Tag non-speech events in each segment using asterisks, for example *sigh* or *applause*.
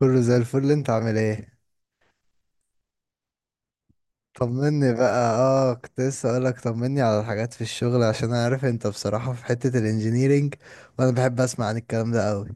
كله زي الفل، انت عامل ايه؟ طمني بقى. اه، كنت لسه اقولك طمني على الحاجات في الشغل، عشان انا عارف انت بصراحة في حتة الانجينيرينج، وانا بحب اسمع عن الكلام ده قوي.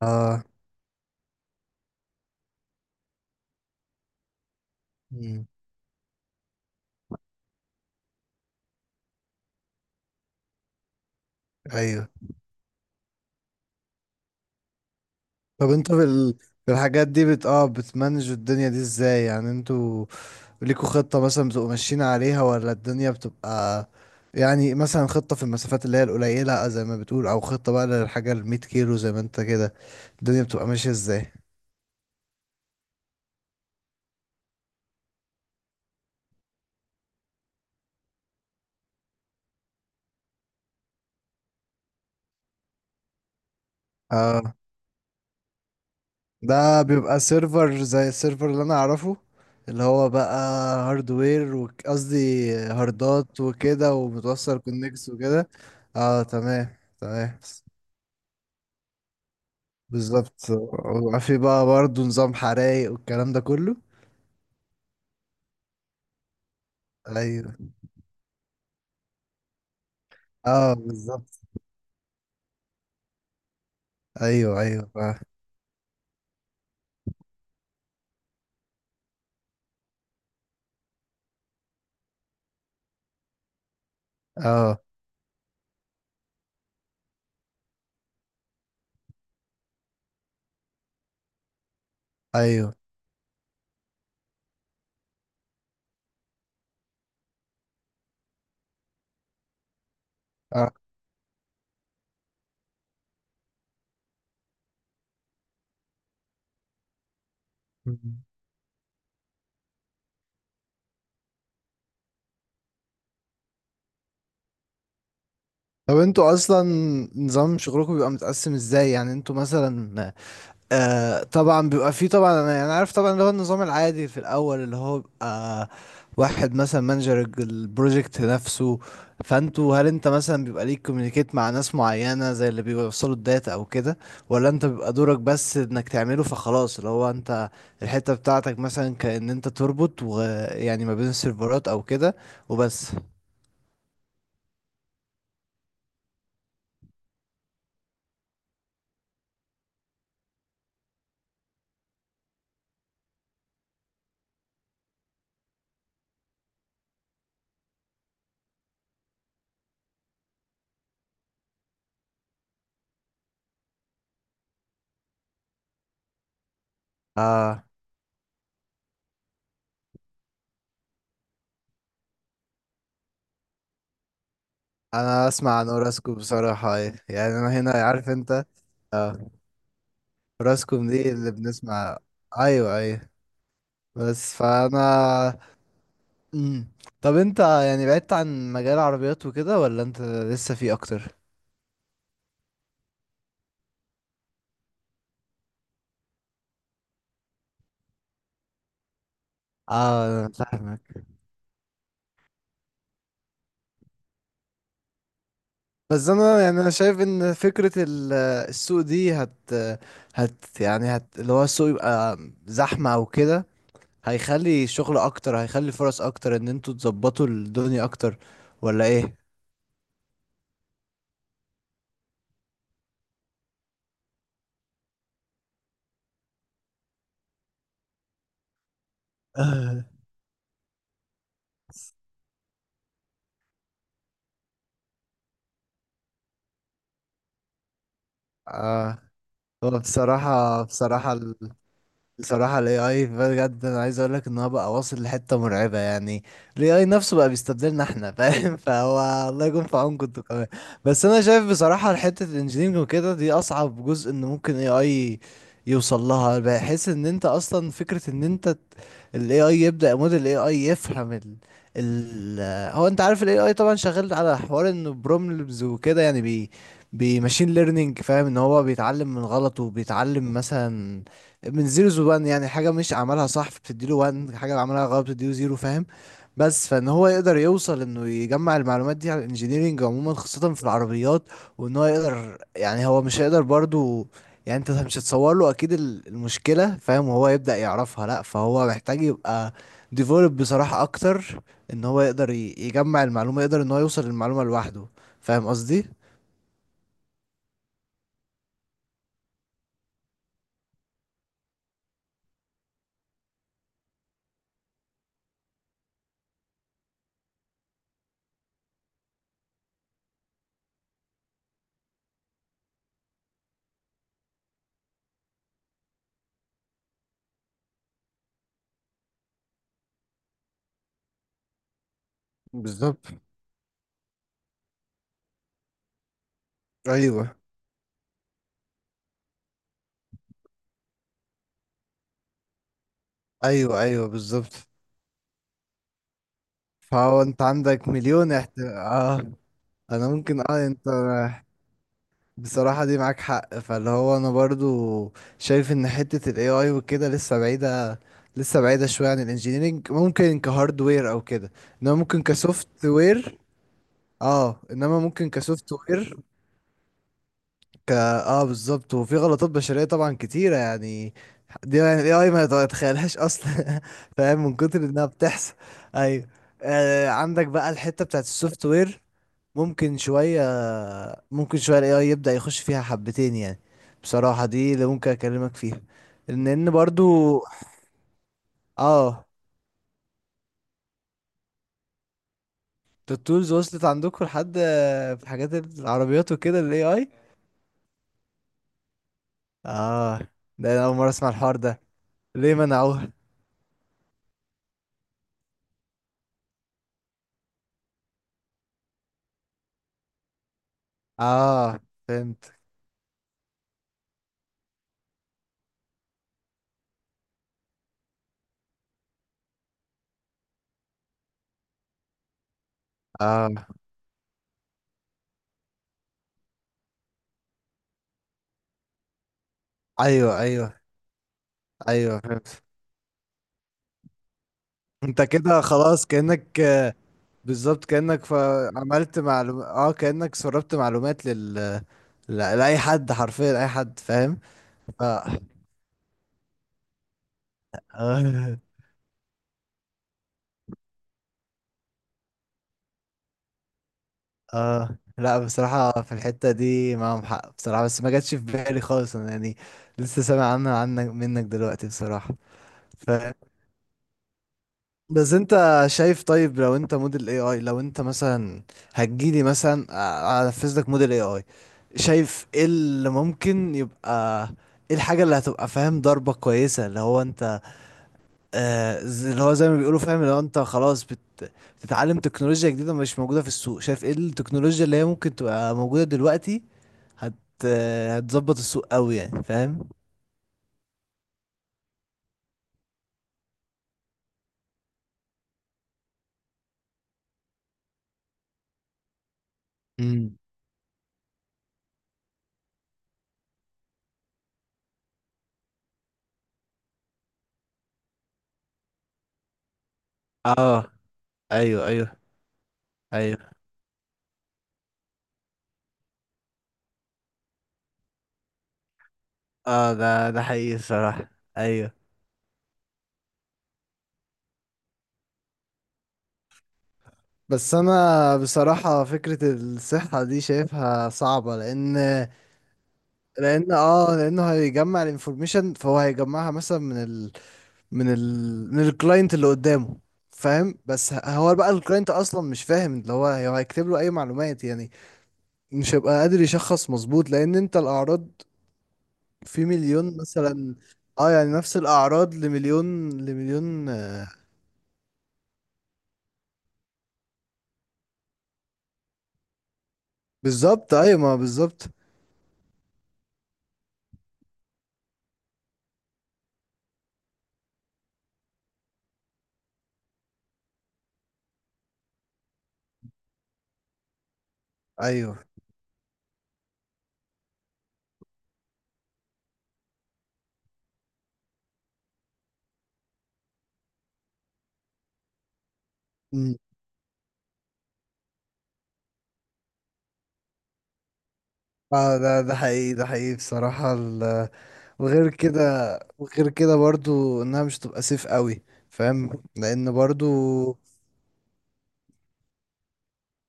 اه. مم. ايوه. طب انتوا في في الحاجات دي بت اه بتمانجوا الدنيا دي ازاي؟ يعني انتوا ليكوا خطة مثلا بتبقوا ماشيين عليها، ولا الدنيا بتبقى؟ يعني مثلا خطة في المسافات اللي هي القليلة، آه، زي ما بتقول، او خطة بقى للحاجة المية كيلو زي ما انت كده. الدنيا بتبقى ماشية ازاي؟ آه. ده بيبقى سيرفر زي السيرفر اللي انا اعرفه، اللي هو بقى هاردوير قصدي هاردات وكده، ومتوصل كونكس وكده. اه تمام. تمام بالظبط، وبيبقى في بقى برضه نظام حرايق والكلام ده كله. ايوه، اه بالظبط. ايوه ايوه اه، آه، ايوه اه. مم. طب انتوا اصلا نظام شغلكم بيبقى متقسم ازاي؟ يعني انتوا مثلا، آه، طبعا بيبقى فيه، طبعا انا يعني عارف، طبعا اللي هو النظام العادي في الاول اللي هو بيبقى واحد مثلا مانجر البروجكت نفسه. فانتوا هل انت مثلا بيبقى ليك كوميونيكيت مع ناس معينة زي اللي بيوصلوا الداتا او كده؟ ولا انت بيبقى دورك بس انك تعمله فخلاص، اللي هو انت الحتة بتاعتك مثلا، كأن انت تربط، ويعني ما بين السيرفرات او كده، وبس؟ آه، انا اسمع عن اوراسكو بصراحة يعني. انا هنا عارف انت. آه. راسكوم دي اللي بنسمع. ايوه ايوه، بس فانا. مم. طب انت يعني بعدت عن مجال العربيات وكده، ولا انت لسه فيه اكتر؟ اه انا فاهمك. بس انا يعني انا شايف ان فكرة السوق دي هت، اللي هو السوق يبقى زحمة او كده، هيخلي شغل اكتر، هيخلي فرص اكتر، ان انتوا تظبطوا الدنيا اكتر، ولا ايه؟ *laughs* اه. هو بصراحة، بصراحة ال AI بجد، أنا عايز أقولك إن هو بقى واصل لحتة مرعبة يعني. ال AI نفسه بقى بيستبدلنا إحنا، فاهم؟ *laughs* فهو الله يكون في عونكم أنتوا كمان. بس أنا شايف بصراحة حتة ال engineering وكده دي أصعب جزء إن ممكن AI يوصل لها. بحيث إن أنت أصلا فكرة إن أنت ال AI يبدأ، موديل AI يفهم ال ال هو، أنت عارف ال AI طبعا شغال على حوار إنه بروبلمز وكده، يعني بماشين ليرنينج، فاهم ان هو بيتعلم من غلطه، وبيتعلم مثلا من زيرو وان، يعني حاجة مش عملها صح بتديله وان، حاجة عملها غلط بتديله زيرو، فاهم؟ بس فان هو يقدر يوصل انه يجمع المعلومات دي على الانجينيرينج عموما، خاصة في العربيات. وان هو يقدر، يعني هو مش هيقدر برضو يعني، انت مش هتصور له اكيد المشكلة فاهم، وهو يبدأ يعرفها، لا، فهو محتاج يبقى ديفولب بصراحة اكتر، ان هو يقدر يجمع المعلومة، يقدر ان هو يوصل للمعلومة لوحده. فاهم قصدي؟ بالظبط. ايوه ايوه، ايوه بالظبط. فهو انت عندك مليون احت... اه انا ممكن، انت بصراحة دي معاك حق. فاللي هو انا برضو شايف ان حتة ال AI وكده لسه بعيدة، شوية عن الانجينيرينج، ممكن كهاردوير او كده، انما ممكن كسوفت وير. اه انما ممكن كسوفت وير. بالظبط، وفي غلطات بشرية طبعا كتيرة يعني. دي يعني الاي اي ما يتخيلهاش اصلا *laughs* فاهم، من كتر انها بتحصل. ايوه. آه عندك بقى الحتة بتاعت السوفت وير، ممكن شوية ممكن شوية الاي اي يبدأ يخش فيها حبتين يعني. بصراحة دي اللي ممكن اكلمك فيها، ان برضو. اه التولز وصلت عندكم لحد، آه، في حاجات العربيات وكده الاي اي؟ اه ده انا اول مرة اسمع الحوار ده. ليه منعوه؟ اه فهمت. اه. ايوه ايوه، ايوه فهمت. انت كده خلاص كأنك، آه، بالظبط كأنك عملت معلوم، كأنك سربت معلومات لأي حد، حرفيا أي حد، فاهم؟ ف... اه. اه لا بصراحة في الحتة دي معاهم حق بصراحة، بس ما جاتش في بالي خالص انا يعني. لسه سامع عنها، عنك، منك دلوقتي بصراحة. بس انت شايف، طيب لو انت موديل اي اي، لو انت مثلا هتجيلي مثلا انفذ لك موديل اي اي، شايف ايه اللي ممكن يبقى؟ ايه الحاجة اللي هتبقى فاهم ضربة كويسة اللي هو انت، آه، اللي هو زي ما بيقولوا فاهم، اللي هو انت خلاص بتتعلم تكنولوجيا جديدة مش موجودة في السوق. شايف ايه التكنولوجيا اللي هي ممكن تبقى موجودة دلوقتي، هت آه، هتظبط السوق قوي يعني، فاهم؟ امم. اه. ايوه ايوه، ايوه اه. ده حقيقي الصراحة. ايوه. بس انا بصراحة فكرة الصحة دي شايفها صعبة لان، لانه هيجمع الانفورميشن، فهو هيجمعها مثلا من الكلاينت اللي قدامه، فاهم، بس هو بقى الكلاينت اصلا مش فاهم اللي هو هو هيكتب له اي معلومات يعني، مش هيبقى قادر يشخص مظبوط، لان انت الاعراض في مليون مثلا، اه يعني نفس الاعراض لمليون، آه، بالظبط ايوه، ما بالظبط. ايوه. مم. اه ده حقيقي، ده حقيقي بصراحة. وغير كده، وغير كده برضو انها مش تبقى سيف قوي، فاهم، لان برضو،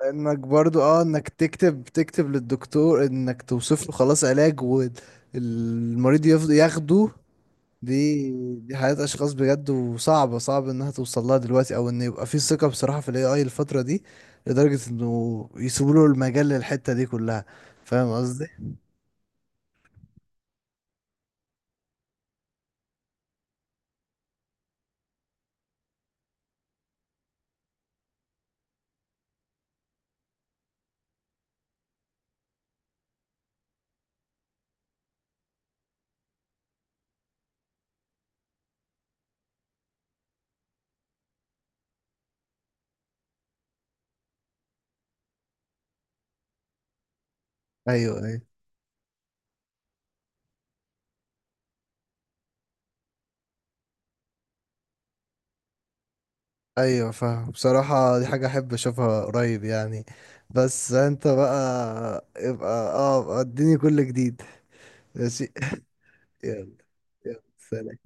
لانك برضو، اه، انك تكتب، تكتب للدكتور انك توصف له خلاص علاج، والمريض يفضل ياخده. دي دي حياة اشخاص بجد، وصعبة، صعب انها توصل لها دلوقتي، او ان يبقى في ثقة بصراحة في الاي اي الفترة دي، لدرجة انه يسيبوا له المجال للحتة دي كلها. فاهم قصدي؟ ايوه ايوه، ايوه فاهم بصراحة. دي حاجة احب اشوفها قريب يعني. بس انت بقى ابقى، اه، اديني كل جديد. ماشي. *laughs* يلا. يلا سلام.